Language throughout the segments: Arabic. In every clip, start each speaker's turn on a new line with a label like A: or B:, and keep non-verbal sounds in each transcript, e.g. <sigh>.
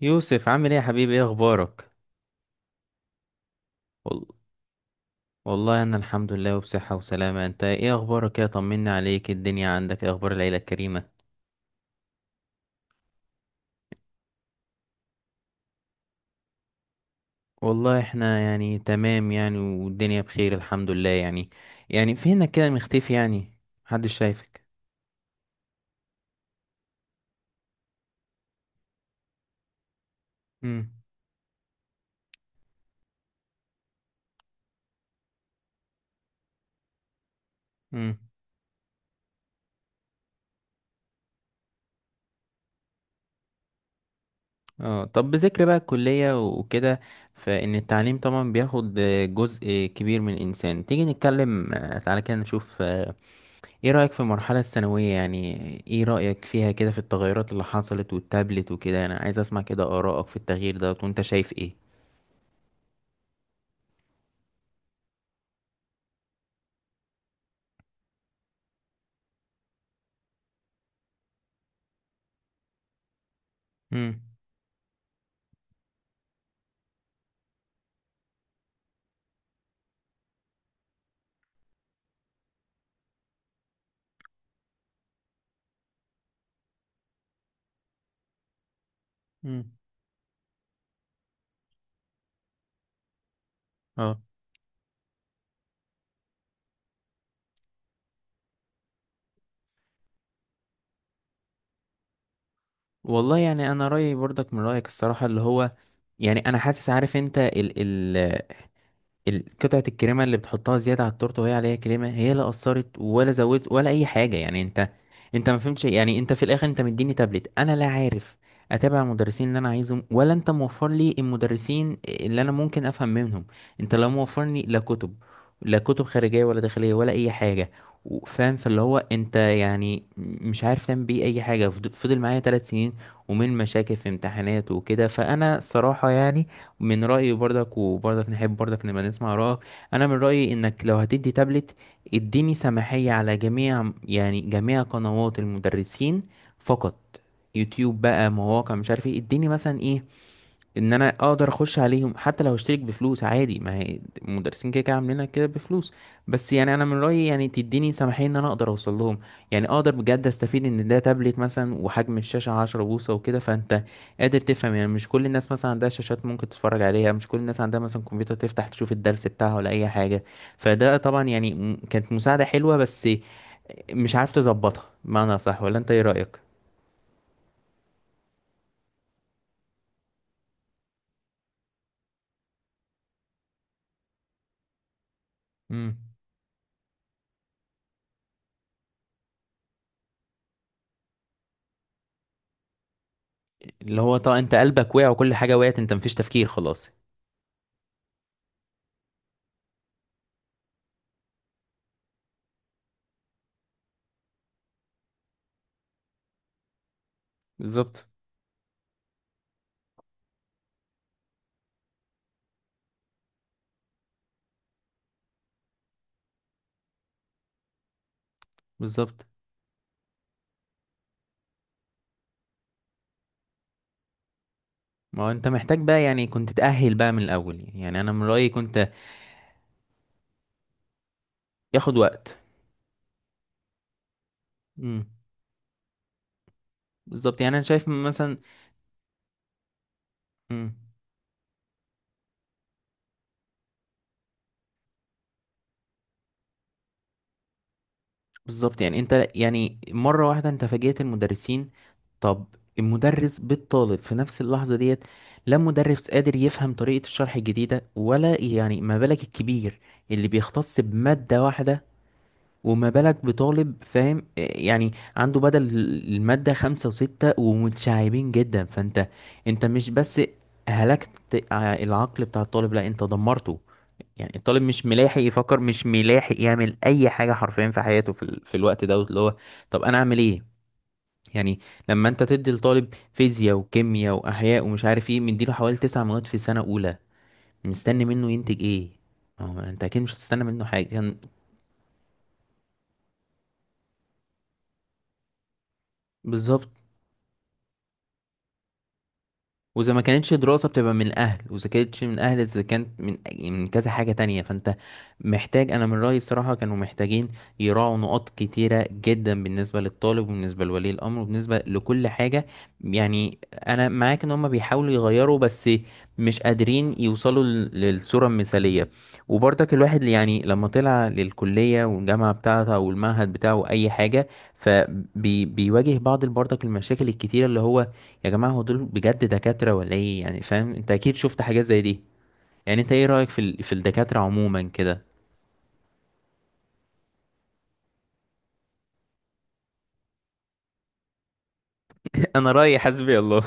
A: يوسف عامل ايه يا حبيبي؟ ايه اخبارك؟ وال... والله انا الحمد لله وبصحة وسلامة. انت ايه اخبارك؟ ايه طمني عليك؟ إيه الدنيا عندك؟ ايه اخبار العيلة الكريمة؟ والله احنا يعني تمام يعني، والدنيا بخير الحمد لله يعني. يعني فينك كده مختفي يعني؟ محدش شايفك. امم امم اه، طب بذكر بقى الكلية وكده، فإن التعليم طبعا بياخد جزء كبير من الإنسان. تيجي نتكلم تعالى كده نشوف، ايه رأيك في المرحلة الثانوية يعني؟ ايه رأيك فيها كده، في التغيرات اللي حصلت والتابلت وكده؟ انا عايز اسمع كده آرائك في التغيير ده، وانت شايف ايه. امم امم اه، والله يعني انا رأيي برضك من رأيك الصراحة، اللي هو يعني انا حاسس. عارف انت ال قطعة الكريمة اللي بتحطها زيادة على التورتة وهي عليها كريمة، هي لا أثرت ولا زودت ولا أي حاجة. يعني أنت ما فهمتش. يعني أنت في الآخر أنت مديني تابلت، أنا لا عارف أتابع المدرسين اللي أنا عايزهم، ولا أنت موفر لي المدرسين اللي أنا ممكن أفهم منهم. أنت لا موفرني لا كتب، لا كتب خارجية ولا داخلية ولا أي حاجة. فاهم؟ فاللي هو أنت يعني مش عارف تعمل بيه أي حاجة، فضل معايا ثلاث سنين ومن مشاكل في امتحانات وكده. فأنا صراحة يعني من رأيي، برضك وبرضك نحب برضك نبقى نسمع رأيك، أنا من رأيي إنك لو هتدي تابلت اديني سماحية على جميع يعني جميع قنوات المدرسين فقط، يوتيوب بقى، مواقع مش عارف ايه، اديني مثلا ايه ان انا اقدر اخش عليهم، حتى لو اشترك بفلوس عادي. ما هي المدرسين كده كده عاملينها كده بفلوس. بس يعني انا من رايي يعني تديني سماحيه ان انا اقدر اوصل لهم، يعني اقدر بجد استفيد. ان ده تابلت مثلا وحجم الشاشه 10 بوصة بوصه وكده، فانت قادر تفهم. يعني مش كل الناس مثلا عندها شاشات ممكن تتفرج عليها، مش كل الناس عندها مثلا كمبيوتر تفتح تشوف الدرس بتاعها ولا اي حاجه. فده طبعا يعني كانت مساعده حلوه، بس مش عارف تظبطها بمعنى صح. ولا انت ايه رايك؟ امم. اللي هو طبعا انت قلبك وقع وكل حاجه وقعت، انت مفيش تفكير خلاص. بالظبط. بالظبط، ما هو انت محتاج بقى، يعني كنت تأهل بقى من الأول. يعني يعني أنا من رأيي كنت ياخد وقت. امم. بالظبط، يعني أنا شايف مثلا. امم. بالظبط، يعني أنت يعني مرة واحدة أنت فاجئت المدرسين. طب المدرس بالطالب في نفس اللحظة ديت، لا مدرس قادر يفهم طريقة الشرح الجديدة، ولا يعني ما بالك الكبير اللي بيختص بمادة واحدة، وما بالك بطالب فاهم؟ يعني عنده بدل المادة خمسة وستة ومتشعبين جدا. فانت انت مش بس هلكت العقل بتاع الطالب، لا انت دمرته. يعني الطالب مش ملاحق يفكر، مش ملاحق يعمل اي حاجة حرفيا في حياته، في الوقت ده اللي هو، طب انا اعمل ايه يعني؟ لما انت تدي لطالب فيزياء وكيمياء واحياء ومش عارف ايه، مديله حوالي تسع مواد في سنة اولى، مستني منه ينتج ايه؟ ما هو انت اكيد مش هتستنى منه حاجة كان-. بالظبط. واذا ما كانتش دراسة بتبقى من اهل، واذا كانتش من اهل، اذا كانت من كذا حاجة تانية، فانت محتاج. انا من رأيي الصراحة كانوا محتاجين يراعوا نقاط كتيرة جدا بالنسبة للطالب، وبالنسبة لولي الامر، وبالنسبة لكل حاجة. يعني انا معاك ان هم بيحاولوا يغيروا، بس مش قادرين يوصلوا للصورة المثالية. وبرضك الواحد اللي يعني لما طلع للكلية والجامعة بتاعته او المعهد بتاعه اي حاجة، فبيواجه بعض برضك المشاكل الكتيرة اللي هو، يا جماعة هو دول بجد دكاترة ولا ايه؟ يعني فاهم؟ انت اكيد شفت حاجات زي دي. يعني انت ايه رأيك في في الدكاترة عموما كده؟ <laughs> انا رأيي حسبي الله.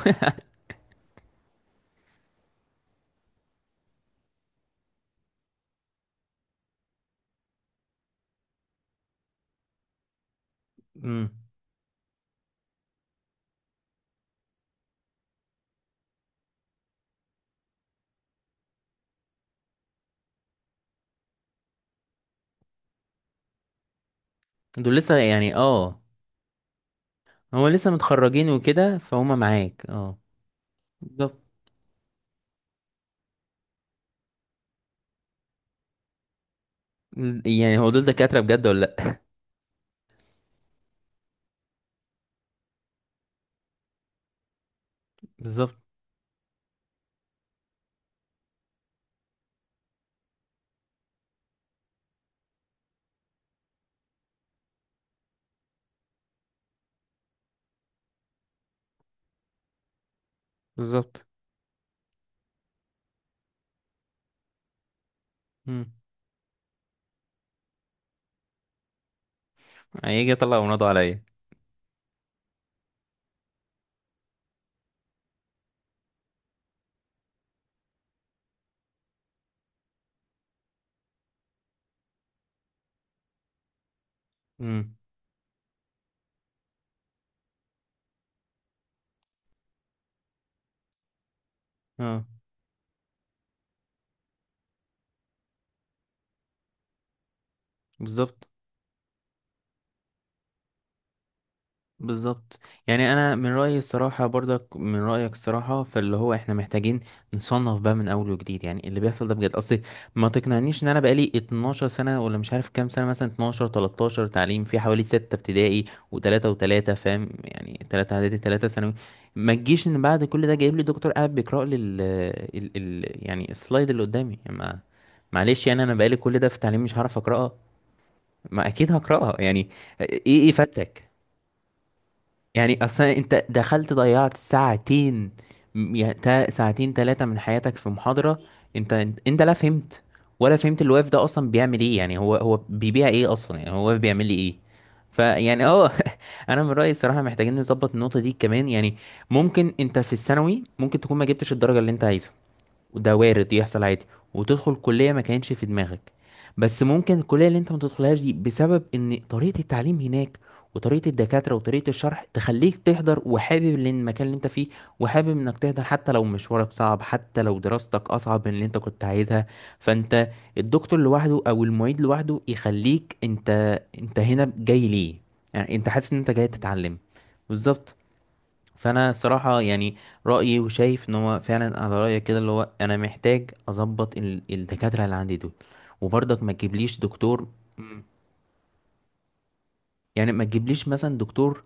A: <laughs> امم. دول لسه يعني اه، هو لسه متخرجين وكده، فهم معاك اه. بالظبط. يعني هو دول دكاترة بجد ولا لا؟ <laughs> بالظبط. بالظبط. امم. هيجي يطلع مناضه عليا. امم. اه. بالظبط. بالظبط، يعني انا من رايي الصراحه، برضك من رايك الصراحه، فاللي هو احنا محتاجين نصنف بقى من اول وجديد. يعني اللي بيحصل ده بجد اصل، ما تقنعنيش ان انا بقالي 12 سنه ولا مش عارف كام سنه، مثلا 12 13 تعليم، في حوالي 6 ابتدائي و3 و3، فاهم يعني؟ 3 اعدادي 3 ثانوي. ما تجيش ان بعد كل ده جايب لي دكتور قاعد بيقرا لي ال ال ال يعني السلايد اللي قدامي. يعني ما معلش، يعني انا بقالي كل ده في تعليم، مش هعرف اقراها؟ ما اكيد هقراها يعني. ايه ايه فاتك؟ يعني اصلا انت دخلت ضيعت ساعتين، ساعتين ثلاثة من حياتك في محاضرة. انت لا فهمت ولا فهمت الواقف ده اصلا بيعمل ايه. يعني هو بيبيع ايه اصلا؟ يعني هو بيعمل لي ايه؟ فيعني اه. <laughs> انا من رأيي الصراحة محتاجين نظبط النقطة دي كمان. يعني ممكن انت في الثانوي ممكن تكون ما جبتش الدرجة اللي انت عايزها، وده وارد يحصل عادي، وتدخل كلية ما كانش في دماغك. بس ممكن الكلية اللي انت ما تدخلهاش دي بسبب ان طريقة التعليم هناك، وطريقة الدكاترة وطريقة الشرح، تخليك تحضر وحابب المكان اللي انت فيه، وحابب انك تحضر، حتى لو مشوارك صعب، حتى لو دراستك اصعب من اللي انت كنت عايزها. فانت الدكتور لوحده او المعيد لوحده يخليك انت، انت هنا جاي ليه؟ يعني انت حاسس ان انت جاي تتعلم. بالظبط. فانا صراحة يعني رأيي، وشايف ان هو فعلا على رأيك كده، اللي هو انا محتاج اظبط الدكاترة اللي عندي دول. وبرضك ما تجيبليش دكتور. مم. يعني ما تجيبليش مثلا دكتور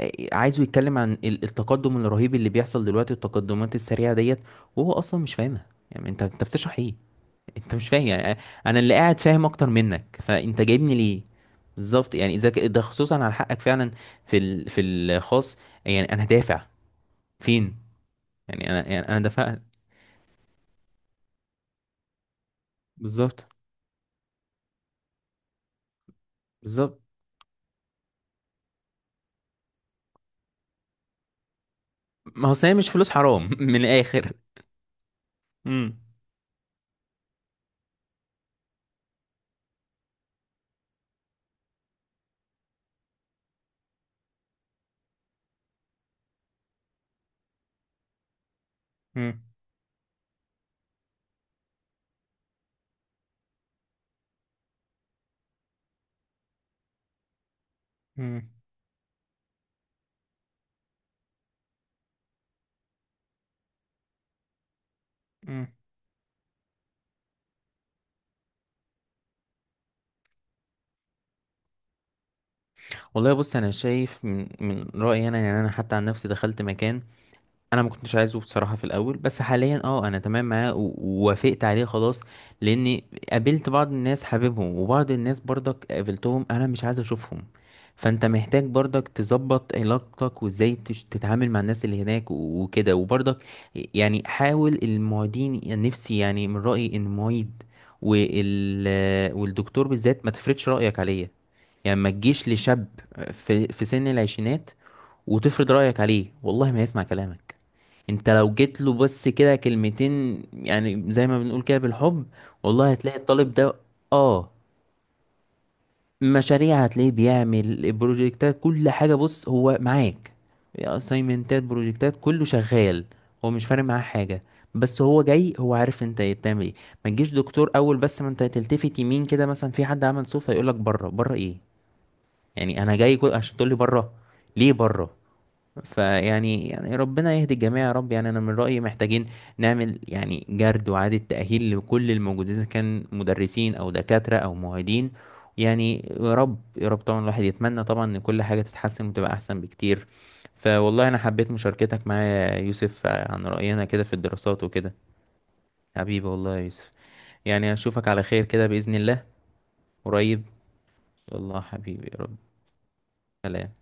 A: عايزه يتكلم عن التقدم الرهيب اللي بيحصل دلوقتي والتقدمات السريعة ديت، وهو اصلا مش فاهمها. يعني انت بتشرح ايه؟ انت مش فاهم يعني، انا اللي قاعد فاهم اكتر منك، فانت جايبني ليه؟ بالظبط، يعني ده خصوصا على حقك فعلا في في الخاص. يعني انا دافع فين؟ يعني انا، يعني انا دفعت. بالظبط. بالظبط، ما هو صحيح، مش فلوس حرام <laughs> من الاخر؟ امم. امم. امم. والله بص، انا شايف من رايي، انا يعني انا حتى عن نفسي دخلت مكان انا ما كنتش عايزه بصراحه في الاول، بس حاليا اه انا تمام معاه، ووافقت عليه خلاص، لاني قابلت بعض الناس حاببهم، وبعض الناس برضك قابلتهم انا مش عايز اشوفهم. فانت محتاج برضك تظبط علاقتك وازاي تتعامل مع الناس اللي هناك وكده. وبرضك يعني حاول المعيدين، يعني نفسي يعني من رايي ان المعيد والدكتور بالذات ما تفرضش رايك عليه. يعني ما تجيش لشاب في سن العشرينات وتفرض رايك عليه، والله ما يسمع كلامك. انت لو جيت له بس كده كلمتين، يعني زي ما بنقول كده بالحب، والله هتلاقي الطالب ده اه، مشاريع هتلاقيه بيعمل بروجكتات كل حاجة، بص هو معاك. اسايمنتات، بروجكتات، كله شغال. هو مش فارق معاه حاجة، بس هو جاي، هو عارف انت ايه بتعمل ايه. ما تجيش دكتور اول بس ما انت تلتفت يمين كده مثلا في حد عمل صوت هيقولك بره، بره ايه؟ يعني انا جاي كل... عشان تقولي بره؟ ليه بره؟ فيعني، يعني ربنا يهدي الجميع يا رب. يعني انا من رأيي محتاجين نعمل يعني جرد وإعادة تأهيل لكل الموجودين، اذا كان مدرسين او دكاترة او معيدين. يعني يا رب يا رب طبعا، الواحد يتمنى طبعا ان كل حاجة تتحسن وتبقى احسن بكتير. فوالله انا حبيت مشاركتك معايا يا يوسف، عن رأينا كده في الدراسات وكده. حبيبي والله يا يوسف، يعني اشوفك على خير كده بإذن الله. قريب إن شاء الله حبيبي، يا رب. سلام.